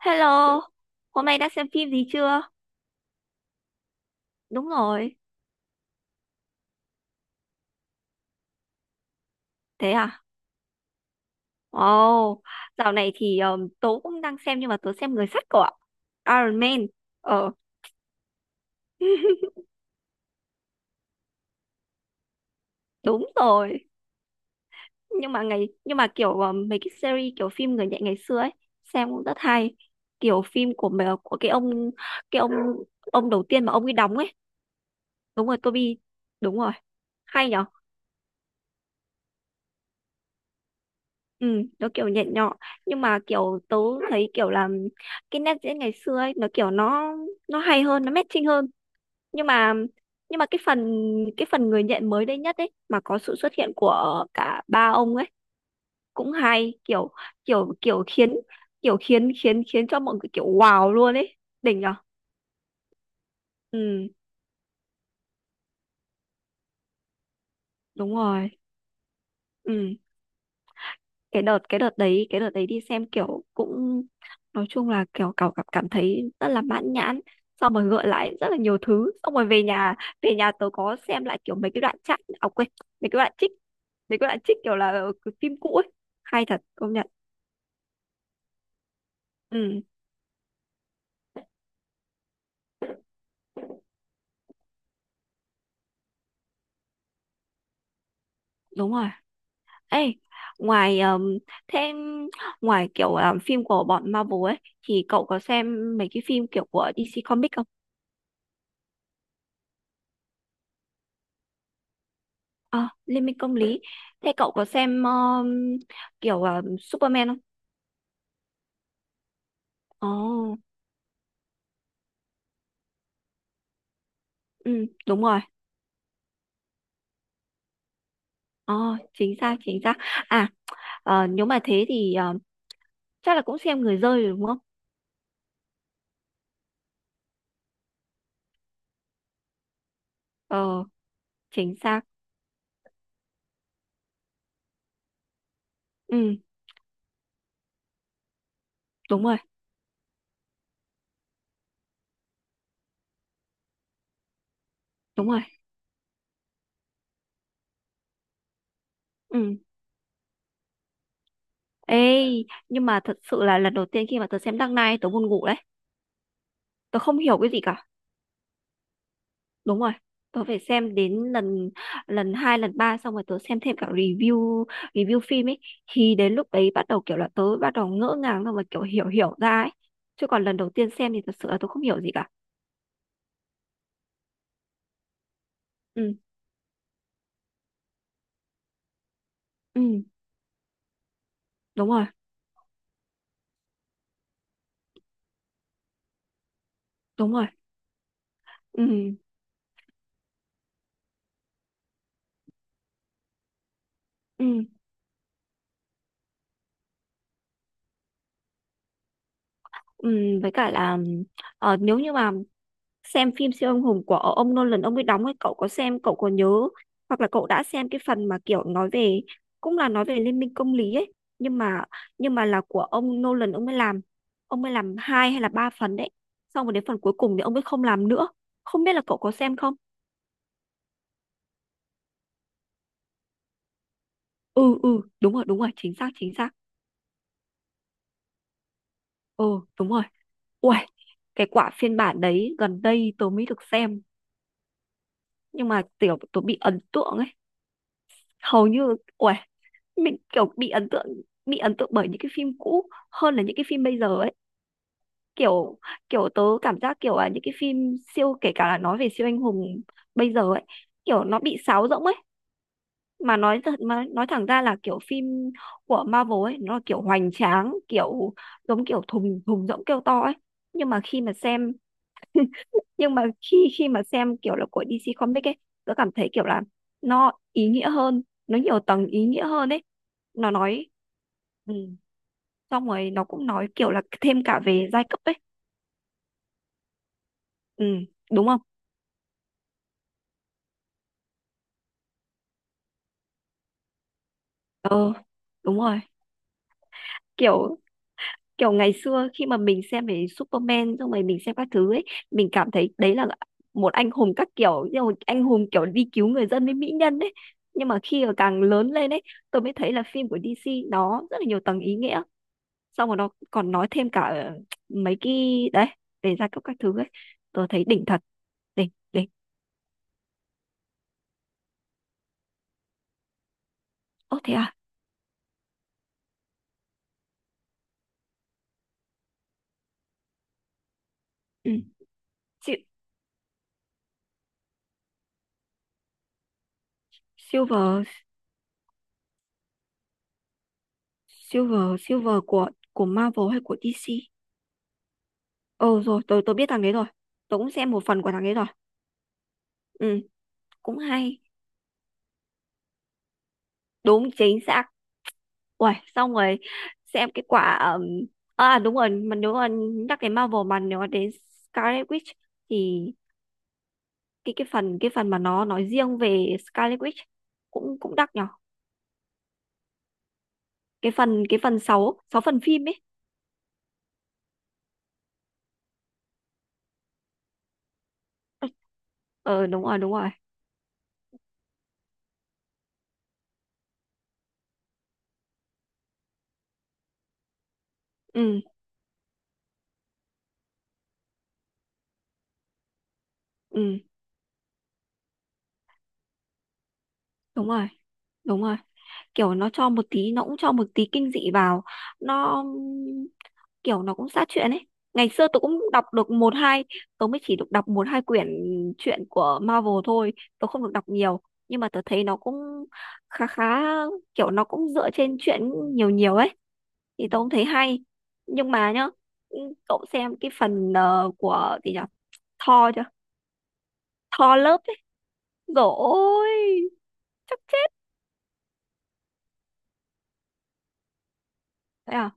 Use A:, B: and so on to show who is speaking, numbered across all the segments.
A: Hello, hôm nay đã xem phim gì chưa? Đúng rồi, thế à? Wow, dạo này thì tớ cũng đang xem nhưng mà tớ xem Người sắt của Iron Man. Ờ, đúng rồi. Nhưng mà kiểu mấy cái series kiểu phim người nhện ngày xưa ấy, xem cũng rất hay. Kiểu phim của cái ông đầu tiên mà ông ấy đóng ấy. Đúng rồi, Toby. Đúng rồi, hay nhỉ? Ừ, nó kiểu nhẹ nhọ nhưng mà kiểu tớ thấy kiểu là cái nét diễn ngày xưa ấy nó kiểu nó hay hơn, nó matching hơn. Nhưng mà nhưng mà cái phần cái phần người nhện mới đây nhất ấy mà có sự xuất hiện của cả ba ông ấy cũng hay, kiểu kiểu kiểu khiến khiến khiến cho mọi người kiểu wow luôn ấy, đỉnh nhở. Ừ, đúng rồi. Ừ, cái đợt đấy đi xem kiểu cũng, nói chung là kiểu cảm cảm cảm thấy rất là mãn nhãn, xong rồi gợi lại rất là nhiều thứ, xong rồi về nhà tớ có xem lại kiểu mấy cái đoạn chat, à quên, mấy cái đoạn trích mấy cái đoạn trích kiểu là cái phim cũ ấy, hay thật công nhận. Ừ, đúng rồi. Ê, ngoài thêm ngoài kiểu phim của bọn Marvel ấy thì cậu có xem mấy cái phim kiểu của DC Comics không? À, Liên minh công lý. Thế cậu có xem kiểu Superman không? Ồ, ừ, đúng rồi. Ồ, chính xác, chính xác. À, nếu mà thế thì chắc là cũng xem người rơi rồi đúng không? Ờ, chính xác. Ừ, đúng rồi, đúng rồi. Ừ. Ê, nhưng mà thật sự là lần đầu tiên khi mà tớ xem Dark Knight tớ buồn ngủ đấy. Tớ không hiểu cái gì cả. Đúng rồi. Tớ phải xem đến lần lần hai, lần ba, xong rồi tớ xem thêm cả review review phim ấy, thì đến lúc đấy bắt đầu kiểu là tớ bắt đầu ngỡ ngàng, xong rồi kiểu hiểu hiểu ra ấy. Chứ còn lần đầu tiên xem thì thật sự là tớ không hiểu gì cả. Ừ. Ừ. Đúng rồi, đúng rồi. Ừ, ừ, ừ. Với cả là nếu như mà xem phim siêu anh hùng của ông Nolan ông ấy đóng ấy, cậu có xem, cậu có nhớ hoặc là cậu đã xem cái phần mà kiểu nói về, cũng là nói về liên minh công lý ấy, nhưng mà là của ông Nolan ông mới làm, hai hay là ba phần đấy, xong rồi đến phần cuối cùng thì ông ấy không làm nữa, không biết là cậu có xem không. Ừ, ừ, đúng rồi, đúng rồi, chính xác, chính xác. Ừ, đúng rồi. Ui, cái quả phiên bản đấy gần đây tớ mới được xem nhưng mà kiểu tôi bị ấn tượng ấy, hầu như uầy, mình kiểu bị ấn tượng, bởi những cái phim cũ hơn là những cái phim bây giờ ấy, kiểu, kiểu tớ cảm giác kiểu là những cái phim siêu, kể cả là nói về siêu anh hùng bây giờ ấy, kiểu nó bị sáo rỗng ấy, mà nói thật, mà nói thẳng ra là kiểu phim của Marvel ấy nó là kiểu hoành tráng kiểu giống kiểu thùng, thùng rỗng kêu to ấy, nhưng mà khi mà xem, nhưng mà khi khi mà xem kiểu là của DC Comics ấy, tớ cảm thấy kiểu là nó ý nghĩa hơn, nó nhiều tầng ý nghĩa hơn ấy, nó nói. Ừ, xong rồi nó cũng nói kiểu là thêm cả về giai cấp ấy. Ừ, đúng không. Ờ, đúng rồi, kiểu, kiểu ngày xưa khi mà mình xem về Superman xong rồi mình xem các thứ ấy, mình cảm thấy đấy là một anh hùng các kiểu nhưng mà anh hùng kiểu đi cứu người dân với mỹ nhân ấy, nhưng mà khi mà càng lớn lên ấy tôi mới thấy là phim của DC nó rất là nhiều tầng ý nghĩa, xong rồi nó còn nói thêm cả mấy cái đấy, về gia cấp các thứ ấy, tôi thấy đỉnh thật, đỉnh đỉnh. Ô, thế à? Ừ. Si- silver silver silver của Marvel hay của DC? Ờ, rồi tôi biết thằng đấy rồi. Tôi cũng xem một phần của thằng đấy rồi. Ừ, cũng hay. Đúng, chính xác. Uầy, xong rồi xem cái quả à đúng rồi, mà nếu mà nhắc đến Marvel, mà nếu mà đến Scarlet Witch thì cái phần mà nó nói riêng về Scarlet Witch cũng cũng đắt nhở, cái phần 6 6 phần phim ấy. Ờ, đúng rồi, đúng rồi. Ừ, ừ, đúng rồi, đúng rồi. Kiểu nó cho một tí, nó cũng cho một tí kinh dị vào, nó kiểu nó cũng sát chuyện ấy. Ngày xưa tôi cũng đọc được một hai, tôi mới chỉ được đọc một hai quyển truyện của Marvel thôi, tôi không được đọc nhiều nhưng mà tôi thấy nó cũng khá khá, kiểu nó cũng dựa trên truyện nhiều nhiều ấy, thì tôi cũng thấy hay nhưng mà nhá. Ừ, cậu xem cái phần của gì nhỉ, Thor chưa? Thò lớp ấy. Dồi ôi, chắc chết. Thế à?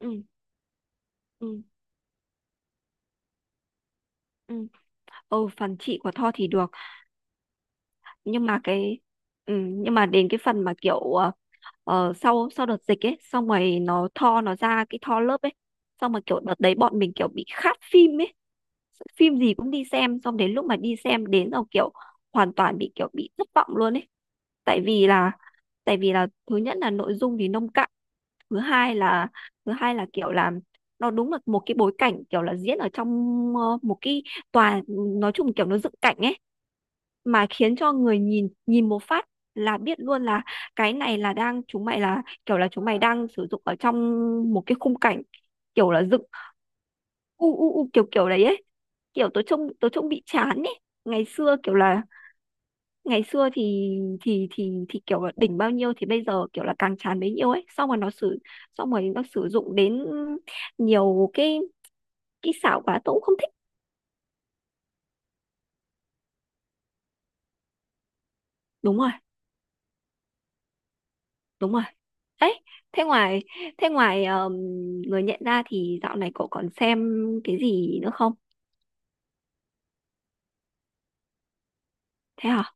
A: Ừ, ừ, ừ. Ừ, phần chị của Tho thì được. Nhưng mà cái... Ừ, nhưng mà đến cái phần mà kiểu sau sau đợt dịch ấy, xong rồi nó Tho nó ra cái Tho lớp ấy. Xong mà kiểu đợt đấy bọn mình kiểu bị khát phim ấy. Phim gì cũng đi xem. Xong đến lúc mà đi xem đến rồi kiểu hoàn toàn bị kiểu bị thất vọng luôn ấy. Tại vì là, thứ nhất là nội dung thì nông cạn, thứ hai là, kiểu là nó đúng là một cái bối cảnh kiểu là diễn ở trong một cái tòa, nói chung kiểu nó dựng cảnh ấy, mà khiến cho người nhìn, một phát là biết luôn là cái này là đang, chúng mày là kiểu là chúng mày đang sử dụng ở trong một cái khung cảnh kiểu là dựng u u u kiểu kiểu đấy ấy, kiểu tớ trông, bị chán ấy. Ngày xưa kiểu là, ngày xưa thì kiểu là đỉnh bao nhiêu thì bây giờ kiểu là càng tràn bấy nhiêu ấy, xong rồi nó sử dụng đến nhiều cái kỹ xảo quá, tôi cũng không thích. Đúng rồi, đúng rồi ấy. Thế ngoài, thế ngoài ờm, người nhận ra thì dạo này cậu còn xem cái gì nữa không? Thế hả?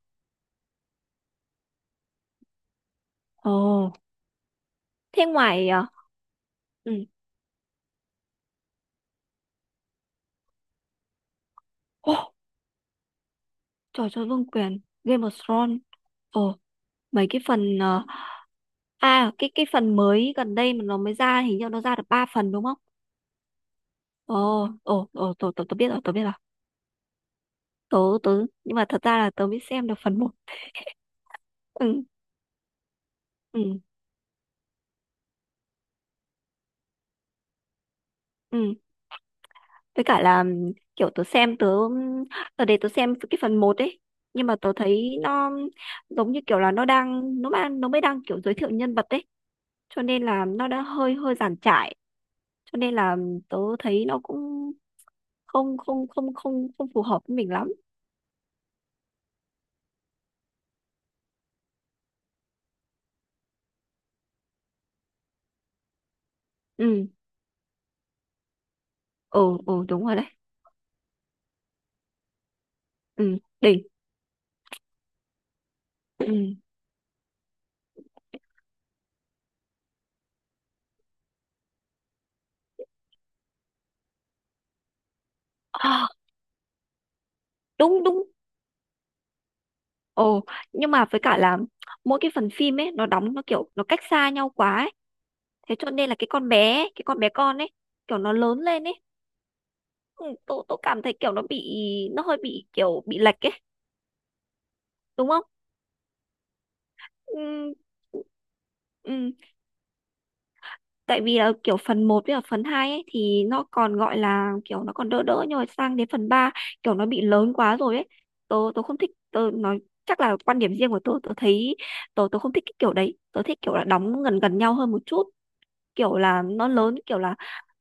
A: Ồ. Thế ngoài ừ, ồ, trò chơi vương quyền Game of Thrones. Ồ, mấy cái phần à cái phần mới gần đây mà nó mới ra, hình như nó ra được 3 phần đúng không? Ồ, ồ, ồ, tớ biết rồi, tớ biết rồi. Tớ, tớ, nhưng mà thật ra là tớ mới xem được phần một. Ừ, ừ, ừ. Với cả là kiểu tớ xem, tớ để tớ xem cái phần một ấy. Nhưng mà tớ thấy nó giống như kiểu là nó mới đang kiểu giới thiệu nhân vật ấy. Cho nên là nó đã hơi giản trải. Cho nên là tớ thấy nó cũng không phù hợp với mình lắm. Ừ, ồ, ồ, đúng rồi đấy. Ừ, đỉnh. Ừ. À, đúng, đúng. Ồ, nhưng mà với cả là mỗi cái phần phim ấy nó đóng nó kiểu nó cách xa nhau quá ấy. Thế cho nên là cái con bé ấy, cái con bé con ấy kiểu nó lớn lên ấy. Ừ, tôi cảm thấy kiểu nó bị, nó hơi bị kiểu bị lệch ấy đúng không? Ừ, ừ, tại vì là kiểu phần một với cả phần 2 ấy thì nó còn gọi là kiểu nó còn đỡ đỡ nhưng mà sang đến phần 3 kiểu nó bị lớn quá rồi ấy. Tôi không thích, tôi nói chắc là quan điểm riêng của tôi thấy tôi không thích cái kiểu đấy. Tôi thích kiểu là đóng gần gần nhau hơn một chút, kiểu là nó lớn, kiểu là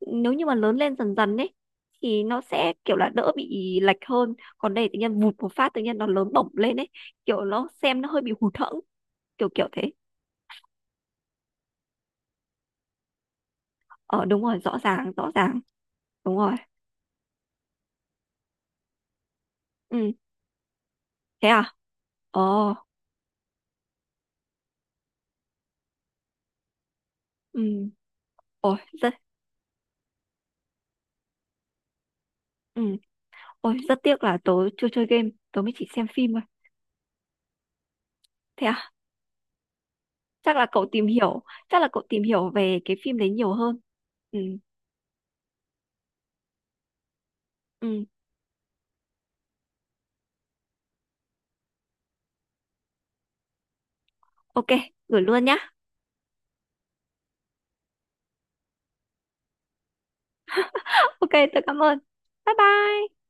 A: nếu như mà lớn lên dần dần ấy thì nó sẽ kiểu là đỡ bị lệch hơn, còn đây tự nhiên vụt một phát tự nhiên nó lớn bổng lên ấy, kiểu nó xem nó hơi bị hụt hẫng, kiểu kiểu thế. Ờ, đúng rồi, rõ ràng, rõ ràng. Đúng rồi. Ừ. Thế à? Ờ. Ừ. Ôi rất, ừ tiếc là tớ chưa chơi game, tớ mới chỉ xem phim thôi. Thế à? Chắc là cậu tìm hiểu, về cái phim đấy nhiều hơn. Ừ, ừ. OK, gửi luôn nhá. OK, tớ cảm ơn. Bye bye.